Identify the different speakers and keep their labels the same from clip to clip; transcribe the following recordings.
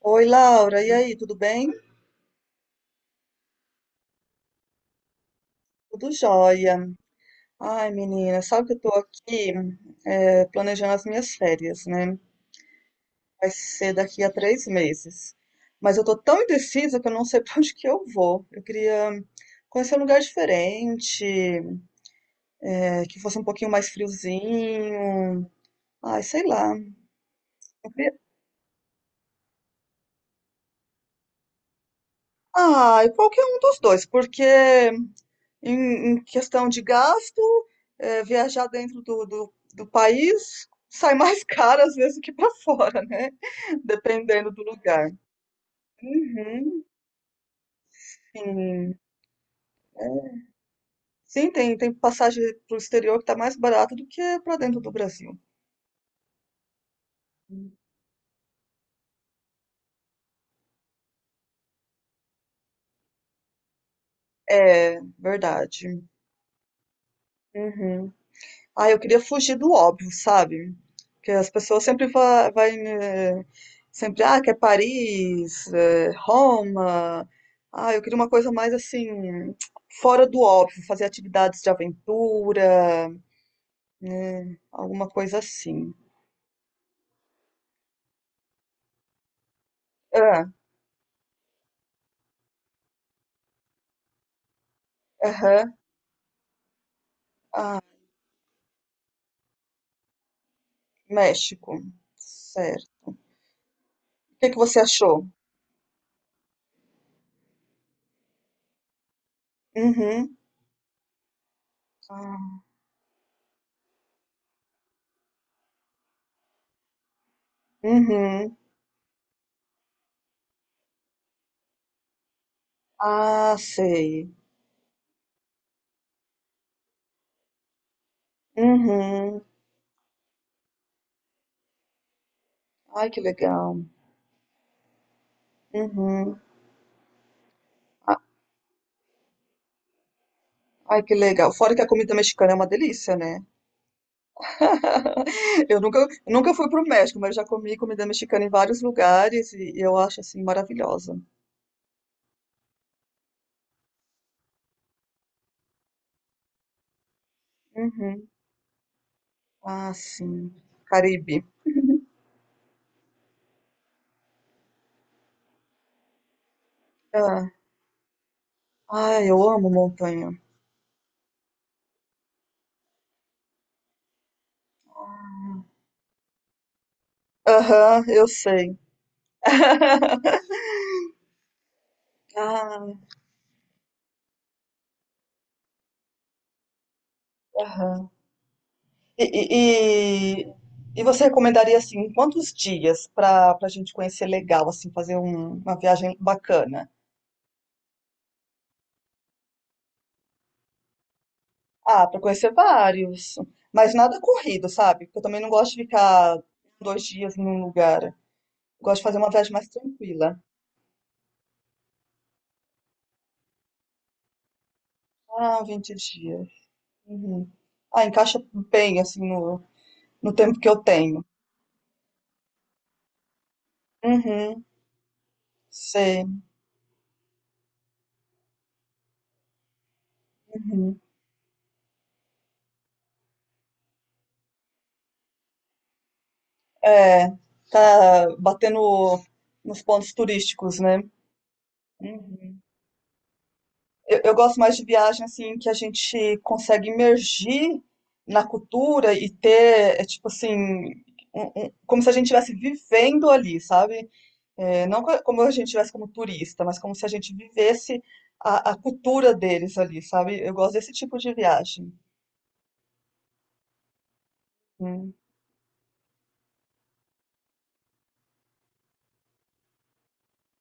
Speaker 1: Oi, Laura, e aí, tudo bem? Tudo jóia. Ai, menina, sabe que eu tô aqui planejando as minhas férias, né? Vai ser daqui a 3 meses. Mas eu tô tão indecisa que eu não sei pra onde que eu vou. Eu queria conhecer um lugar diferente, que fosse um pouquinho mais friozinho. Ai, sei lá. Eu queria- Ai, qualquer um dos dois, porque em questão de gasto, viajar dentro do país sai mais caro às vezes do que para fora, né? Dependendo do lugar. Uhum, sim. Sim, tem passagem para o exterior que está mais barato do que para dentro do Brasil. É verdade. Uhum. Ah, eu queria fugir do óbvio, sabe? Que as pessoas sempre vai, né, sempre, ah, quer Paris, Roma. Ah, eu queria uma coisa mais assim, fora do óbvio, fazer atividades de aventura, alguma coisa assim. Ah, aham. Ah, México. Certo. O que que você achou? Uhum. Ah, uhum. Ah, sei. Uhum. Ai, que legal. Uhum. Ai, que legal. Fora que a comida mexicana é uma delícia, né? Eu nunca, nunca fui pro México, mas já comi comida mexicana em vários lugares e eu acho assim maravilhosa. Uhum. Ah, sim. Caribe. Ah, ai, eu amo montanha. Aham, eu sei. Ah, aham. E, e, e, e você recomendaria assim, quantos dias para a gente conhecer legal, assim, fazer uma viagem bacana? Ah, pra conhecer vários. Mas nada corrido, sabe? Porque eu também não gosto de ficar dois dias num lugar. Eu gosto de fazer uma viagem mais tranquila. Ah, 20 dias. Uhum. Ah, encaixa bem, assim, no tempo que eu tenho. Uhum, sei. Uhum. É, tá batendo nos pontos turísticos, né? Uhum. Eu gosto mais de viagem assim que a gente consegue imergir na cultura e ter, tipo assim, como se a gente estivesse vivendo ali, sabe? É, não co- como a gente estivesse como turista, mas como se a gente vivesse a cultura deles ali, sabe? Eu gosto desse tipo de viagem. Hum.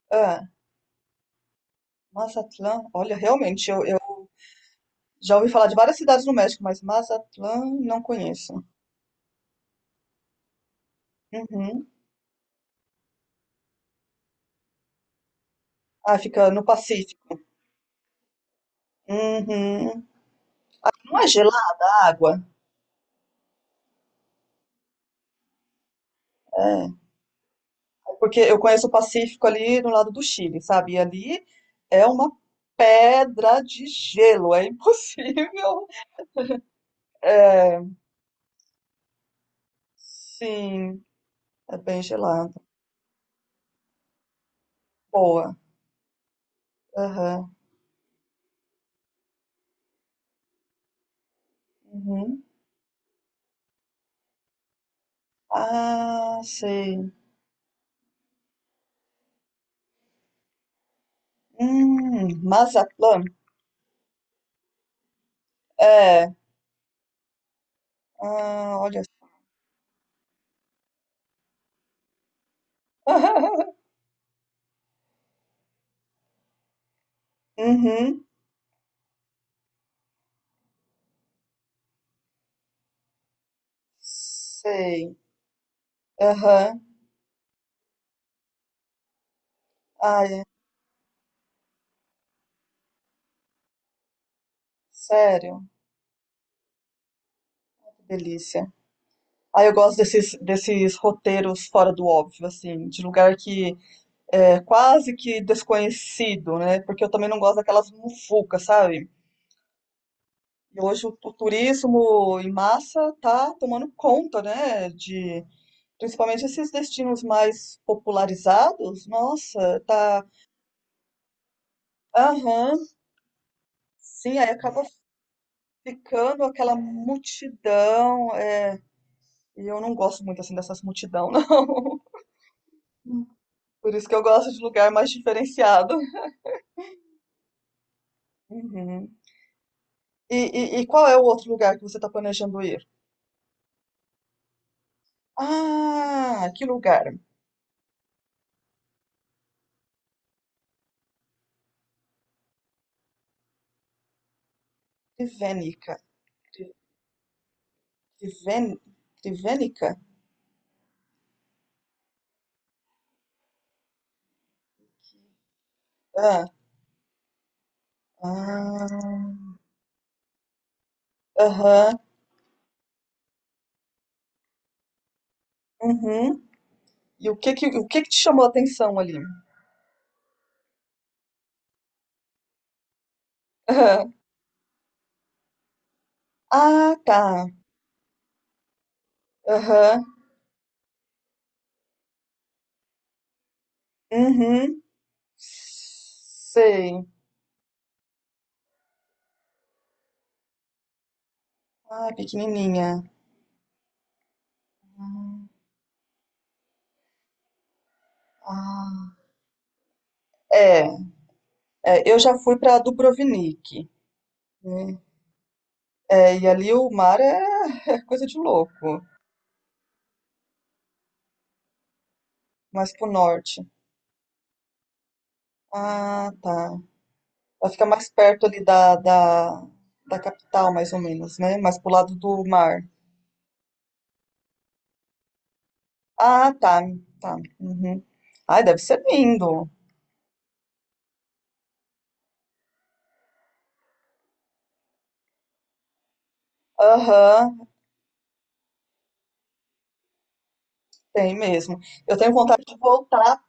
Speaker 1: Ah, Mazatlán, olha, realmente, eu já ouvi falar de várias cidades no México, mas Mazatlán não conheço. Uhum. Ah, fica no Pacífico. Uhum. Não é gelada a água? É. Porque eu conheço o Pacífico ali no lado do Chile, sabe? E ali é uma pedra de gelo, é impossível. Sim, é bem gelado. Boa. Aham. Uhum. Ah, sei. Mazatlán. É. Ah, olha. Uhum. Sei. Aham. Ai, sério. Que delícia. Ah, eu gosto desses roteiros fora do óbvio, assim, de lugar que quase que desconhecido, né? Porque eu também não gosto daquelas mufucas, sabe? E hoje o turismo em massa tá tomando conta, né? De principalmente esses destinos mais popularizados. Nossa, tá. Aham, sim, aí acaba ficando aquela multidão. E eu não gosto muito assim dessas multidão, não. Por isso que eu gosto de lugar mais diferenciado. Uhum. E, e qual é o outro lugar que você está planejando ir? Ah, que lugar? Crivênica. Cri- Criven, Crivênica? Ah, ah, aham, uhum. E o que que te chamou a atenção ali? Aham. Ah, tá. Aham, uhum. Sei. Ah, pequenininha. Ah, É, eu já fui pra Dubrovnik. Né? É, e ali o mar é coisa de louco, mas pro norte. Ah, tá. Ela fica mais perto ali da capital, mais ou menos, né? Mais pro lado do mar. Ah, tá, tá. Uhum. Ai, deve ser lindo. Aham, tem mesmo. Eu tenho vontade de voltar,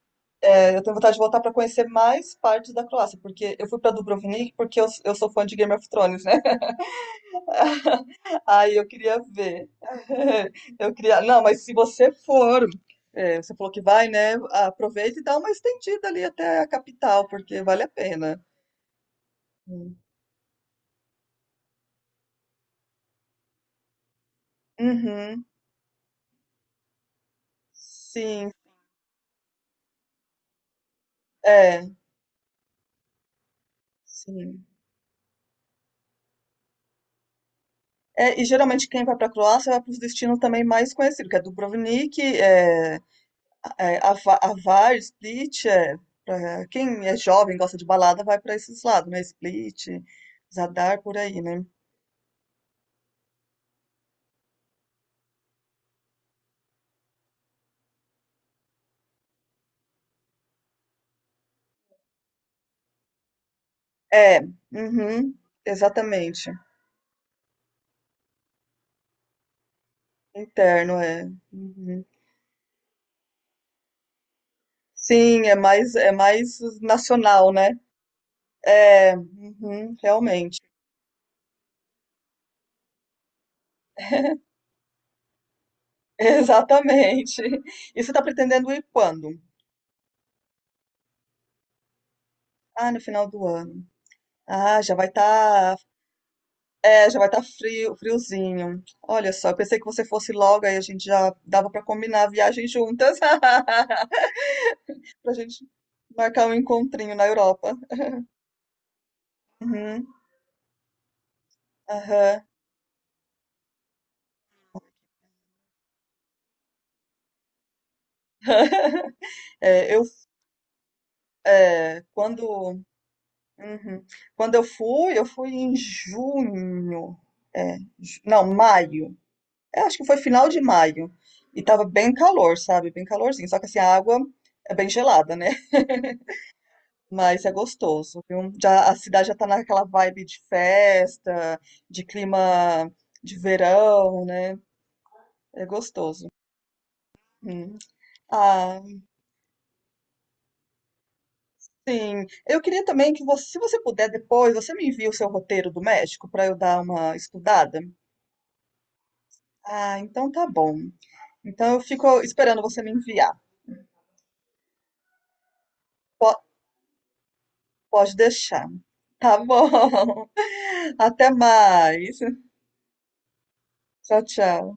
Speaker 1: eu tenho vontade de voltar para conhecer mais partes da Croácia, porque eu fui para Dubrovnik porque eu sou fã de Game of Thrones, né? Aí eu queria ver. Eu queria. Não, mas se você for, você falou que vai, né? Aproveita e dá uma estendida ali até a capital, porque vale a pena. Hum. Uhum. Sim, é, sim. É, e geralmente quem vai para a Croácia vai para os destinos também mais conhecidos, que é Dubrovnik, Avar, Split. É, quem é jovem, gosta de balada, vai para esses lados, né? Split, Zadar, por aí, né? É, uhum, exatamente. Interno, é. Uhum. Sim, é mais nacional, né? É, uhum, realmente. Exatamente. E você está pretendendo ir quando? Ah, no final do ano. Ah, já vai estar, já vai estar frio, friozinho. Olha só, eu pensei que você fosse logo, aí a gente já dava para combinar a viagem juntas. Pra gente marcar um encontrinho na Europa. Uhum, aham. É, eu, quando, uhum. Quando eu fui em junho. É, não, maio. Eu acho que foi final de maio. E tava bem calor, sabe? Bem calorzinho. Só que assim, a água é bem gelada, né? Mas é gostoso, viu? Já, a cidade já tá naquela vibe de festa, de clima de verão, né? É gostoso. Hum. Ah, sim. Eu queria também que você, se você puder depois, você me envia o seu roteiro do México para eu dar uma estudada. Ah, então tá bom. Então eu fico esperando você me enviar. Po- Pode deixar. Tá bom. Até mais. Tchau, tchau.